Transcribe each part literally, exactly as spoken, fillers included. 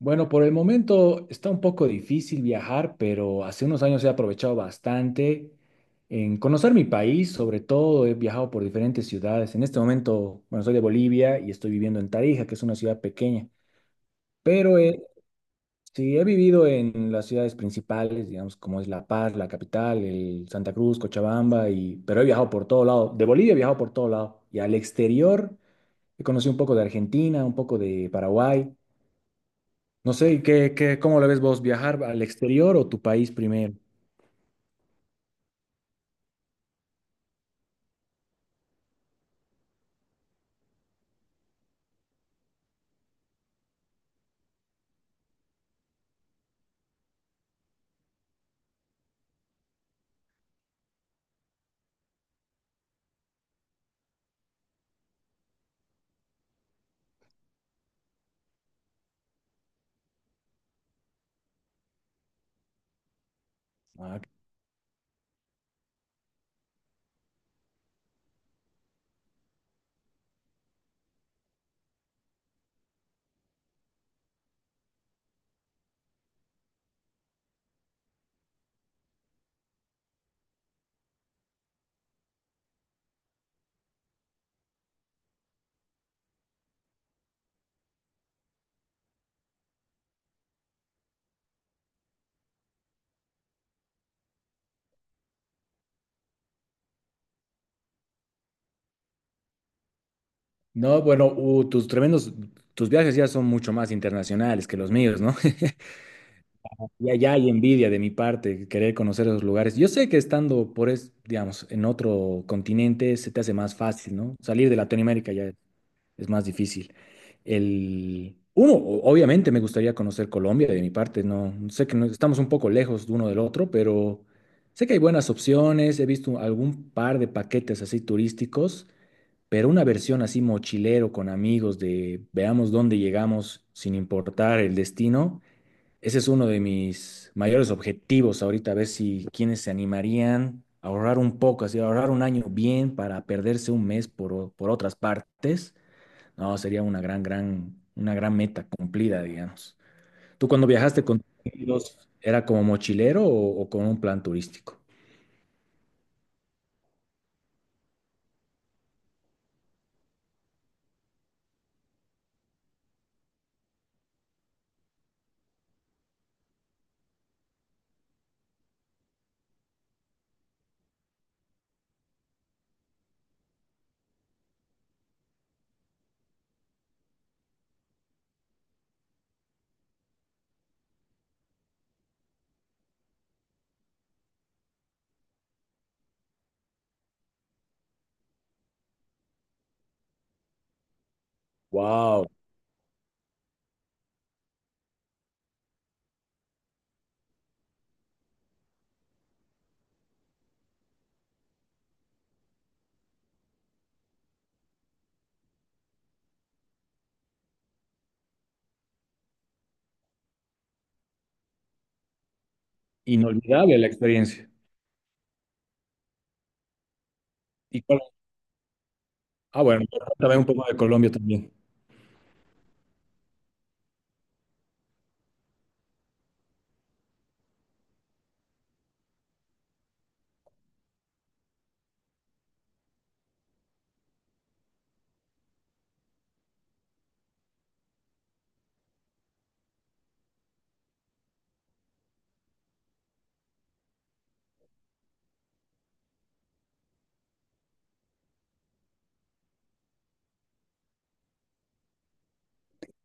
Bueno, por el momento está un poco difícil viajar, pero hace unos años he aprovechado bastante en conocer mi país, sobre todo he viajado por diferentes ciudades. En este momento, bueno, soy de Bolivia y estoy viviendo en Tarija, que es una ciudad pequeña, pero eh, sí he vivido en las ciudades principales, digamos, como es La Paz, la capital, el Santa Cruz, Cochabamba, y, pero he viajado por todo lado. De Bolivia he viajado por todo lado y al exterior he conocido un poco de Argentina, un poco de Paraguay. No sé, ¿y ¿qué, qué, cómo lo ves vos? ¿Viajar al exterior o tu país primero? Ah, ok. No, bueno, uh, tus tremendos, tus viajes ya son mucho más internacionales que los míos, ¿no? Y allá hay envidia de mi parte, querer conocer esos lugares. Yo sé que estando por, es, digamos, en otro continente se te hace más fácil, ¿no? Salir de Latinoamérica ya es, es más difícil. El, uno, o- obviamente me gustaría conocer Colombia de mi parte, no sé que no- estamos un poco lejos de uno del otro, pero sé que hay buenas opciones, he visto algún par de paquetes así turísticos, pero una versión así mochilero con amigos de veamos dónde llegamos sin importar el destino. Ese es uno de mis mayores objetivos ahorita, a ver si quienes se animarían a ahorrar un poco, así ahorrar un año bien para perderse un mes por, o- por otras partes. No, sería una gran, gran, una gran meta cumplida, digamos. ¿Tú cuando viajaste con tus amigos, era como mochilero o, o con un plan turístico? Wow, inolvidable la experiencia. ¿Y cuál- Ah, bueno, también un poco de Colombia también.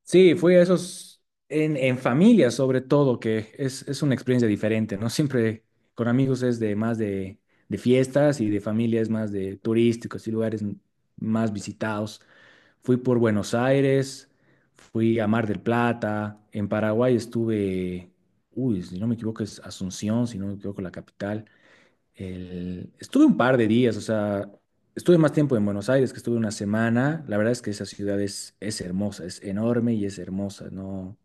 Sí, fui a esos en, en familia sobre todo, que es, es una experiencia diferente, ¿no? Siempre con amigos es de más de, de fiestas y de familia es más de turísticos y lugares m- más visitados. Fui por Buenos Aires, fui a Mar del Plata, en Paraguay estuve, uy, si no me equivoco es Asunción, si no me equivoco la capital el- estuve un par de días, o sea, estuve más tiempo en Buenos Aires, que estuve una semana. La verdad es que esa ciudad es, es hermosa, es enorme y es hermosa, ¿no?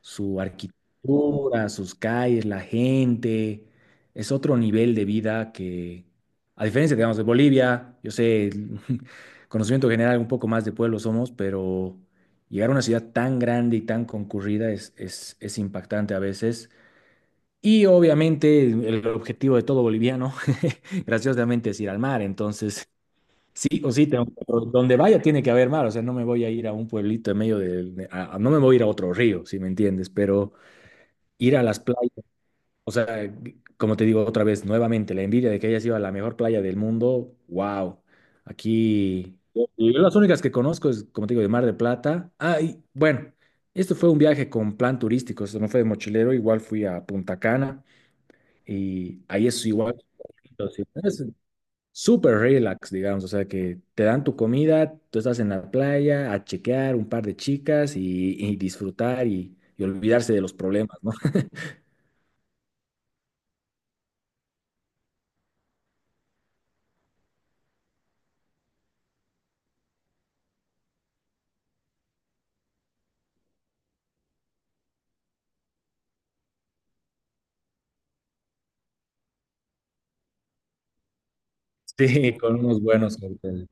Su arquitectura, sus calles, la gente, es otro nivel de vida que, a diferencia, digamos, de Bolivia, yo sé, el conocimiento general un poco más de pueblo somos, pero llegar a una ciudad tan grande y tan concurrida es, es, es impactante a veces. Y obviamente el objetivo de todo boliviano, graciosamente, es ir al mar. Entonces, sí o sí, tengo- donde vaya tiene que haber mar. O sea, no me voy a ir a un pueblito en medio del... de- a- a- no me voy a ir a otro río, si me entiendes, pero ir a las playas, o sea, como te digo otra vez, nuevamente, la envidia de que hayas ido a la mejor playa del mundo, wow. Aquí, yo yo las únicas que conozco es, como te digo, de Mar de Plata. Ah, y bueno, esto fue un viaje con plan turístico, esto no fue de mochilero, igual fui a Punta Cana. Y ahí es igual. Entonces, es súper relax, digamos. O sea, que te dan tu comida, tú estás en la playa a chequear un par de chicas y, y disfrutar y, y olvidarse de los problemas, ¿no? Sí, con unos buenos cócteles.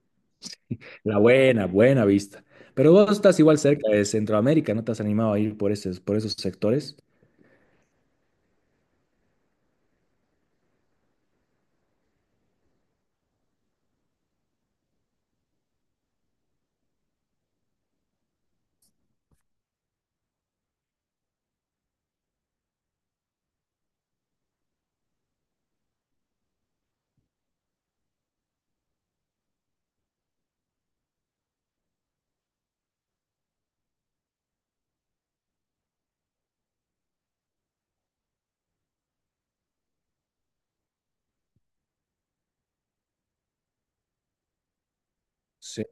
La buena, buena vista. Pero vos estás igual cerca de Centroamérica, ¿no te has animado a ir por esos, por esos sectores? Sí.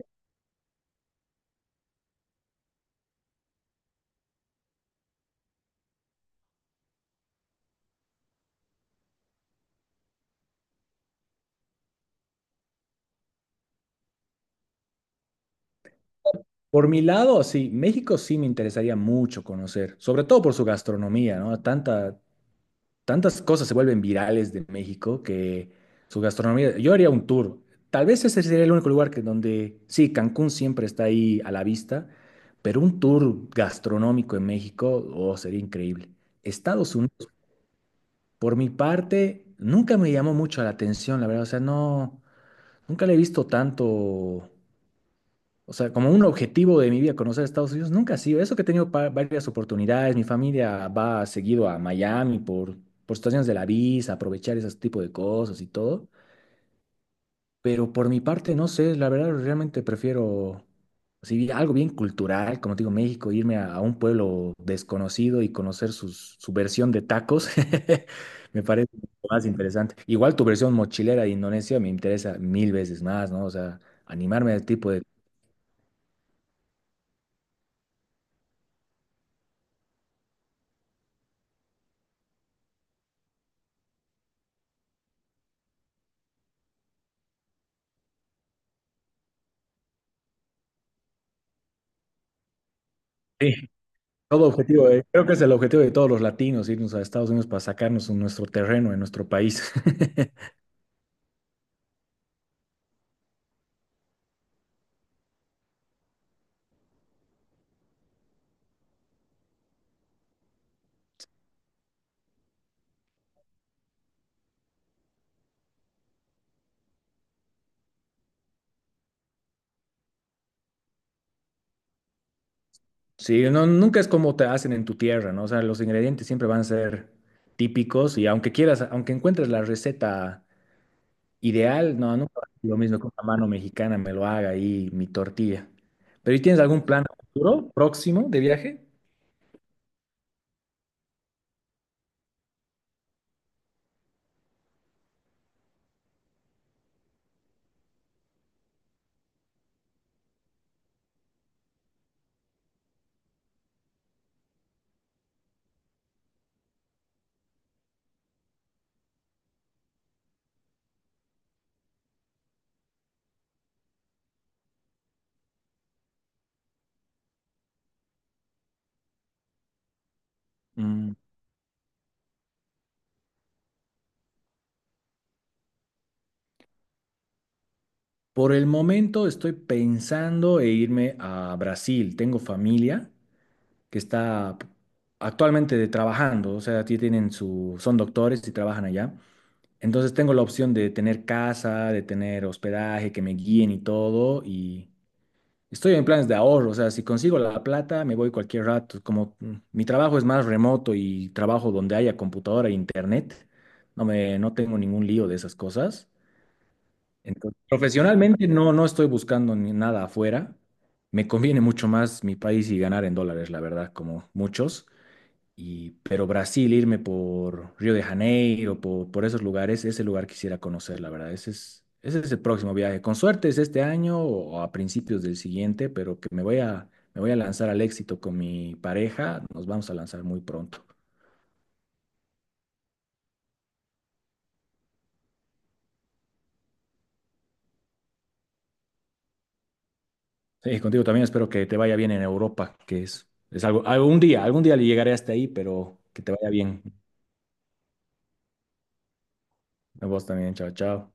Por mi lado, sí, México sí me interesaría mucho conocer, sobre todo por su gastronomía, ¿no? Tanta, tantas cosas se vuelven virales de México que su gastronomía, yo haría un tour. Tal vez ese sería el único lugar que donde, sí, Cancún siempre está ahí a la vista, pero un tour gastronómico en México, oh, sería increíble. Estados Unidos, por mi parte, nunca me llamó mucho la atención, la verdad, o sea, no, nunca le he visto tanto, o sea, como un objetivo de mi vida conocer Estados Unidos nunca ha sido. Eso que he tenido pa- varias oportunidades, mi familia va seguido a Miami por, por situaciones de la visa, aprovechar ese tipo de cosas y todo. Pero por mi parte, no sé, la verdad realmente prefiero, si algo bien cultural, como te digo, México, irme a, a un pueblo desconocido y conocer sus- su versión de tacos, me parece más interesante. Igual tu versión mochilera de Indonesia me interesa mil veces más, ¿no? O sea, animarme al tipo de... Sí. Todo objetivo, eh, creo que es el objetivo de todos los latinos, irnos a Estados Unidos para sacarnos en nuestro terreno, en nuestro país. Sí, no, nunca es como te hacen en tu tierra, ¿no? O sea, los ingredientes siempre van a ser típicos y aunque quieras, aunque encuentres la receta ideal, no, nunca va a ser lo mismo que una mano mexicana me lo haga ahí mi tortilla. Pero ¿y tienes algún plan a futuro, próximo de viaje? Mm, Por el momento estoy pensando en irme a Brasil. Tengo familia que está actualmente trabajando, o sea, ti- tienen su, son doctores y trabajan allá. Entonces tengo la opción de tener casa, de tener hospedaje, que me guíen y todo, y estoy en planes de ahorro, o sea, si consigo la plata, me voy cualquier rato. Como mm, mi trabajo es más remoto y trabajo donde haya computadora e internet, no me, no tengo ningún lío de esas cosas. Entonces, profesionalmente no, no estoy buscando ni nada afuera. Me conviene mucho más mi país y ganar en dólares, la verdad, como muchos. Y, pero Brasil, irme por Río de Janeiro, por, por esos lugares, ese lugar quisiera conocer, la verdad. Ese es, ese es el próximo viaje. Con suerte es este año o a principios del siguiente, pero que me voy a, me voy a lanzar al éxito con mi pareja. Nos vamos a lanzar muy pronto. Sí, contigo también espero que te vaya bien en Europa, que es, es algo, algún día, algún día le llegaré hasta ahí, pero que te vaya bien. A vos también, chao, chao.